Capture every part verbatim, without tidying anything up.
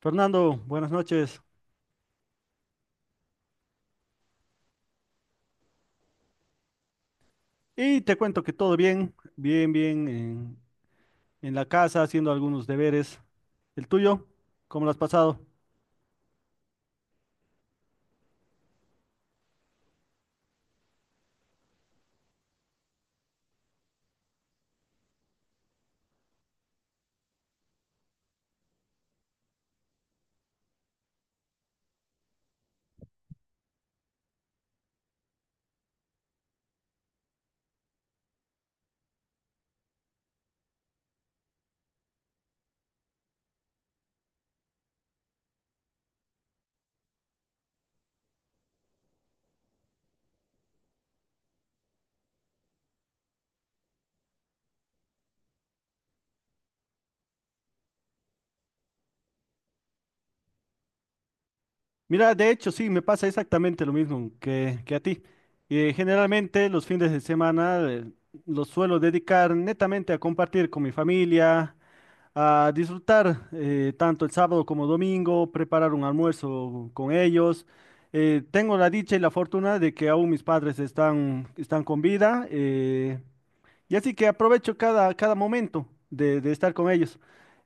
Fernando, buenas noches. Y te cuento que todo bien, bien, bien en, en la casa, haciendo algunos deberes. ¿El tuyo? ¿Cómo lo has pasado? Mira, de hecho, sí, me pasa exactamente lo mismo que, que a ti. Eh, generalmente los fines de semana eh, los suelo dedicar netamente a compartir con mi familia, a disfrutar, eh, tanto el sábado como domingo, preparar un almuerzo con ellos. Eh, tengo la dicha y la fortuna de que aún mis padres están, están con vida. eh, Y así que aprovecho cada, cada momento de, de estar con ellos.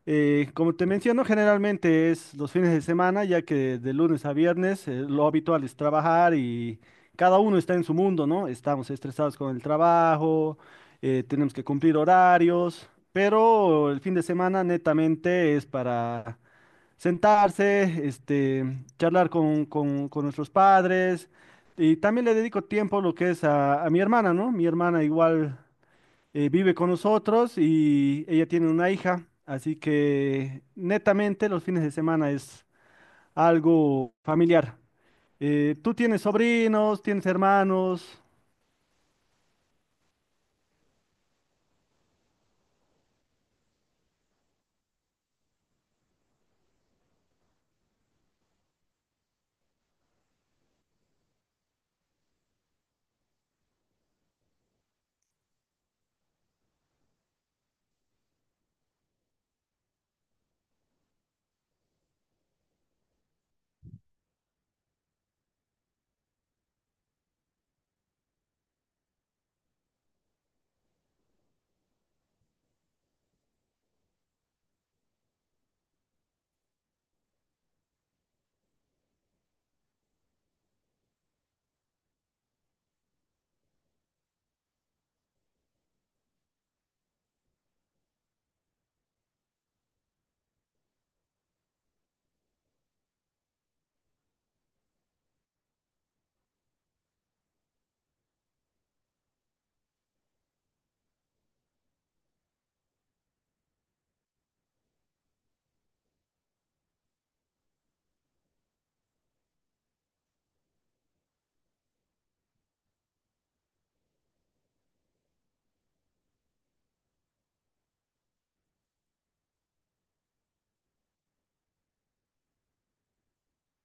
Eh, como te menciono, generalmente es los fines de semana, ya que de lunes a viernes, eh, lo habitual es trabajar y cada uno está en su mundo, ¿no? Estamos estresados con el trabajo, eh, tenemos que cumplir horarios, pero el fin de semana netamente es para sentarse, este, charlar con, con- con nuestros padres, y también le dedico tiempo lo que es a, a mi hermana, ¿no? Mi hermana igual, eh, vive con nosotros y ella tiene una hija, así que netamente los fines de semana es algo familiar. Eh, ¿tú tienes sobrinos, tienes hermanos?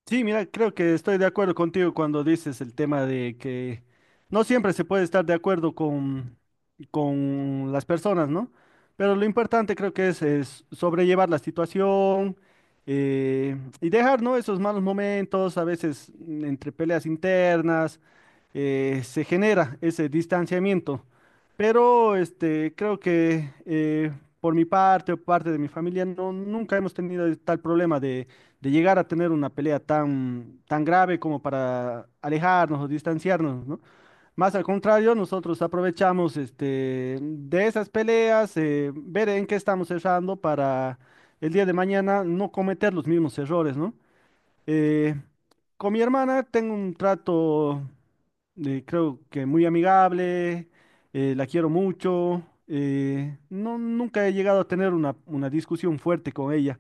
Sí, mira, creo que estoy de acuerdo contigo cuando dices el tema de que no siempre se puede estar de acuerdo con, con las personas, ¿no? Pero lo importante creo que es, es sobrellevar la situación, eh, y dejar, ¿no?, esos malos momentos. A veces mm, entre peleas internas, eh, se genera ese distanciamiento. Pero este, creo que, eh, por mi parte o parte de mi familia, no, nunca hemos tenido tal problema de, de llegar a tener una pelea tan, tan grave como para alejarnos o distanciarnos, ¿no? Más al contrario, nosotros aprovechamos este, de esas peleas, eh, ver en qué estamos errando para el día de mañana no cometer los mismos errores, ¿no? Eh, con mi hermana tengo un trato, eh, creo que muy amigable. Eh, la quiero mucho. eh, no, Nunca he llegado a tener una, una discusión fuerte con ella.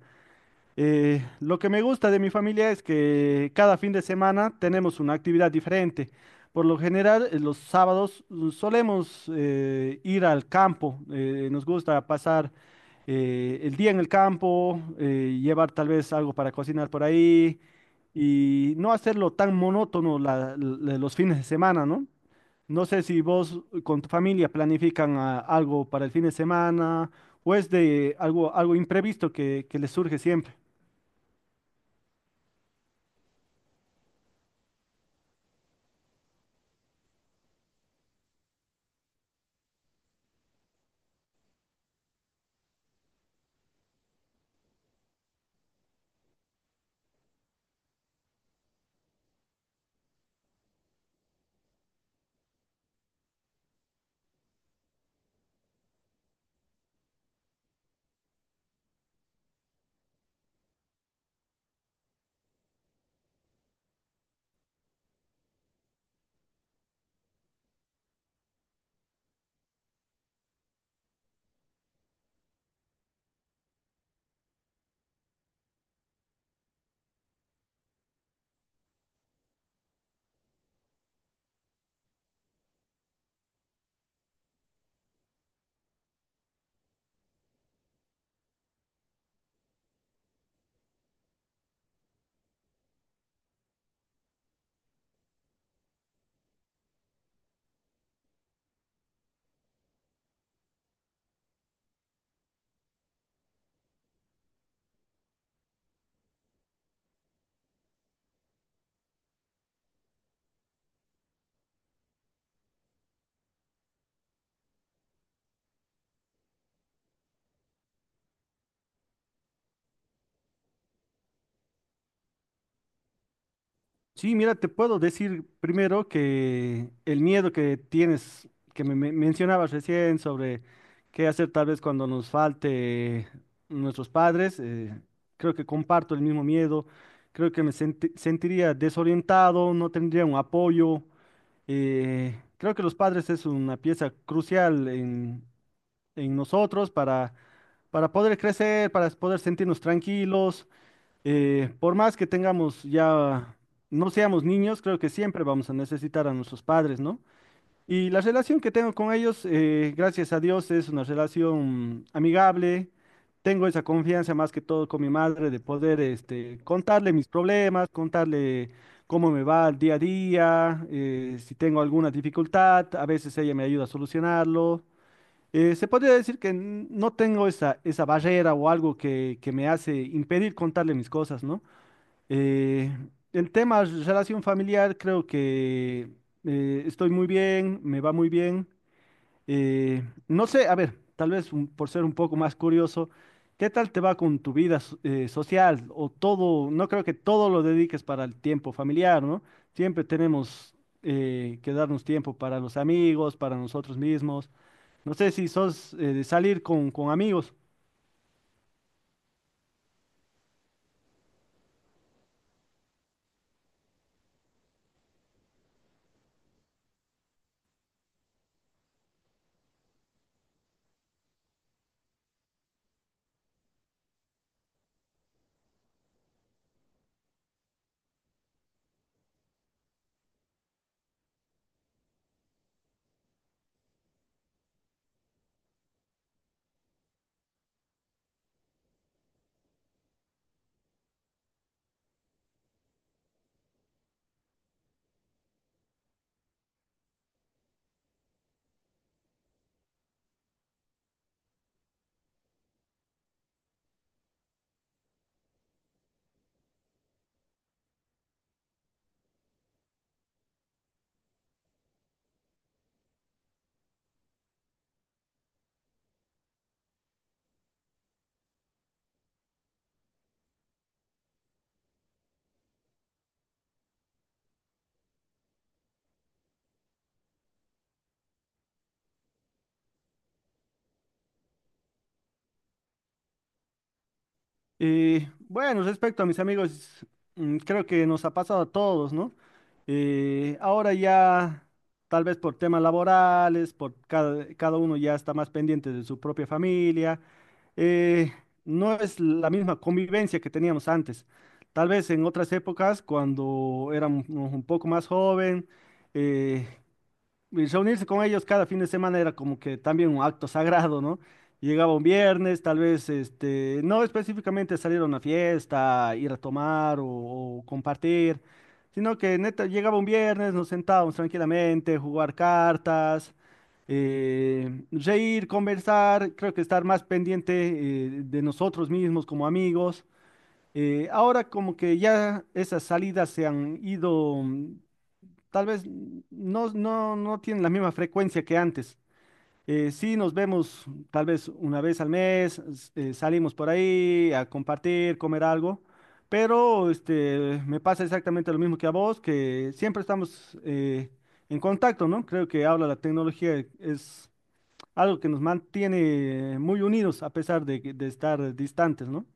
Eh, lo que me gusta de mi familia es que cada fin de semana tenemos una actividad diferente. Por lo general, eh, los sábados mm, solemos, eh, ir al campo. Eh, nos gusta pasar, eh, el día en el campo, eh, llevar tal vez algo para cocinar por ahí y no hacerlo tan monótono la- la- los fines de semana, ¿no? No sé si vos, eh, con tu familia, planifican ah, algo para el fin de semana o es de algo, algo imprevisto que que les surge siempre. Sí, mira, te puedo decir primero que el miedo que tienes, que me, me mencionabas recién sobre qué hacer tal vez cuando nos falte nuestros padres, eh, creo que comparto el mismo miedo, creo que me senti- sentiría desorientado, no tendría un apoyo. Eh, creo que los padres es una pieza crucial en, en nosotros para, para poder crecer, para poder sentirnos tranquilos. Eh, por más que tengamos ya, no seamos niños, creo que siempre vamos a necesitar a nuestros padres, ¿no? Y la relación que tengo con ellos, eh, gracias a Dios, es una relación amigable. Tengo esa confianza más que todo con mi madre de poder, este, contarle mis problemas, contarle cómo me va el día a día. Eh, si tengo alguna dificultad, a veces ella me ayuda a solucionarlo. Eh, se podría decir que n- no tengo esa, esa barrera o algo que, que me hace impedir contarle mis cosas, ¿no? Eh, en temas de relación familiar, creo que, eh, estoy muy bien, me va muy bien. Eh, no sé, a ver, tal vez un- por ser un poco más curioso, ¿qué tal te va con tu vida so- eh, social? O todo, no creo que todo lo dediques para el tiempo familiar, ¿no? Siempre tenemos, eh, que darnos tiempo para los amigos, para nosotros mismos. No sé si sos, eh, de salir con, con amigos. Y bueno, respecto a mis amigos, mm, creo que nos ha pasado a todos, ¿no? Eh, ahora ya, tal vez por temas laborales, por cada, cada uno ya está más pendiente de su propia familia. eh, no es la misma convivencia que teníamos antes. Tal vez en otras épocas, cuando éramos un poco más joven, eh, y reunirse con ellos cada fin de semana era como que también un acto sagrado, ¿no? Llegaba un viernes, tal vez, este, no específicamente salir a una fiesta, ir a tomar o, o compartir, sino que neta, llegaba un viernes, nos sentábamos tranquilamente, jugar cartas, eh, reír, conversar, creo que estar más pendiente, eh, de nosotros mismos como amigos. Eh, ahora como que ya esas salidas se han ido. mm, Tal vez no, no, no tienen la misma frecuencia que antes. Eh, sí nos vemos tal vez una vez al mes, s- eh, salimos por ahí a compartir, comer algo, pero este, me pasa exactamente lo mismo que a vos, que siempre estamos, eh, en contacto, ¿no? Creo que ahora la tecnología es algo que nos mantiene muy unidos a pesar de, que- de estar distantes, ¿no?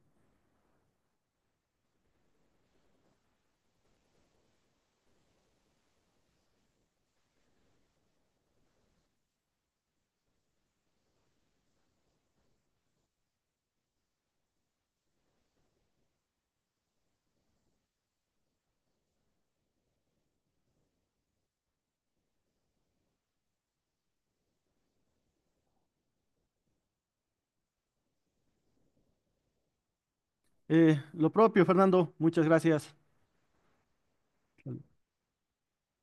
Eh, lo propio, Fernando, muchas gracias.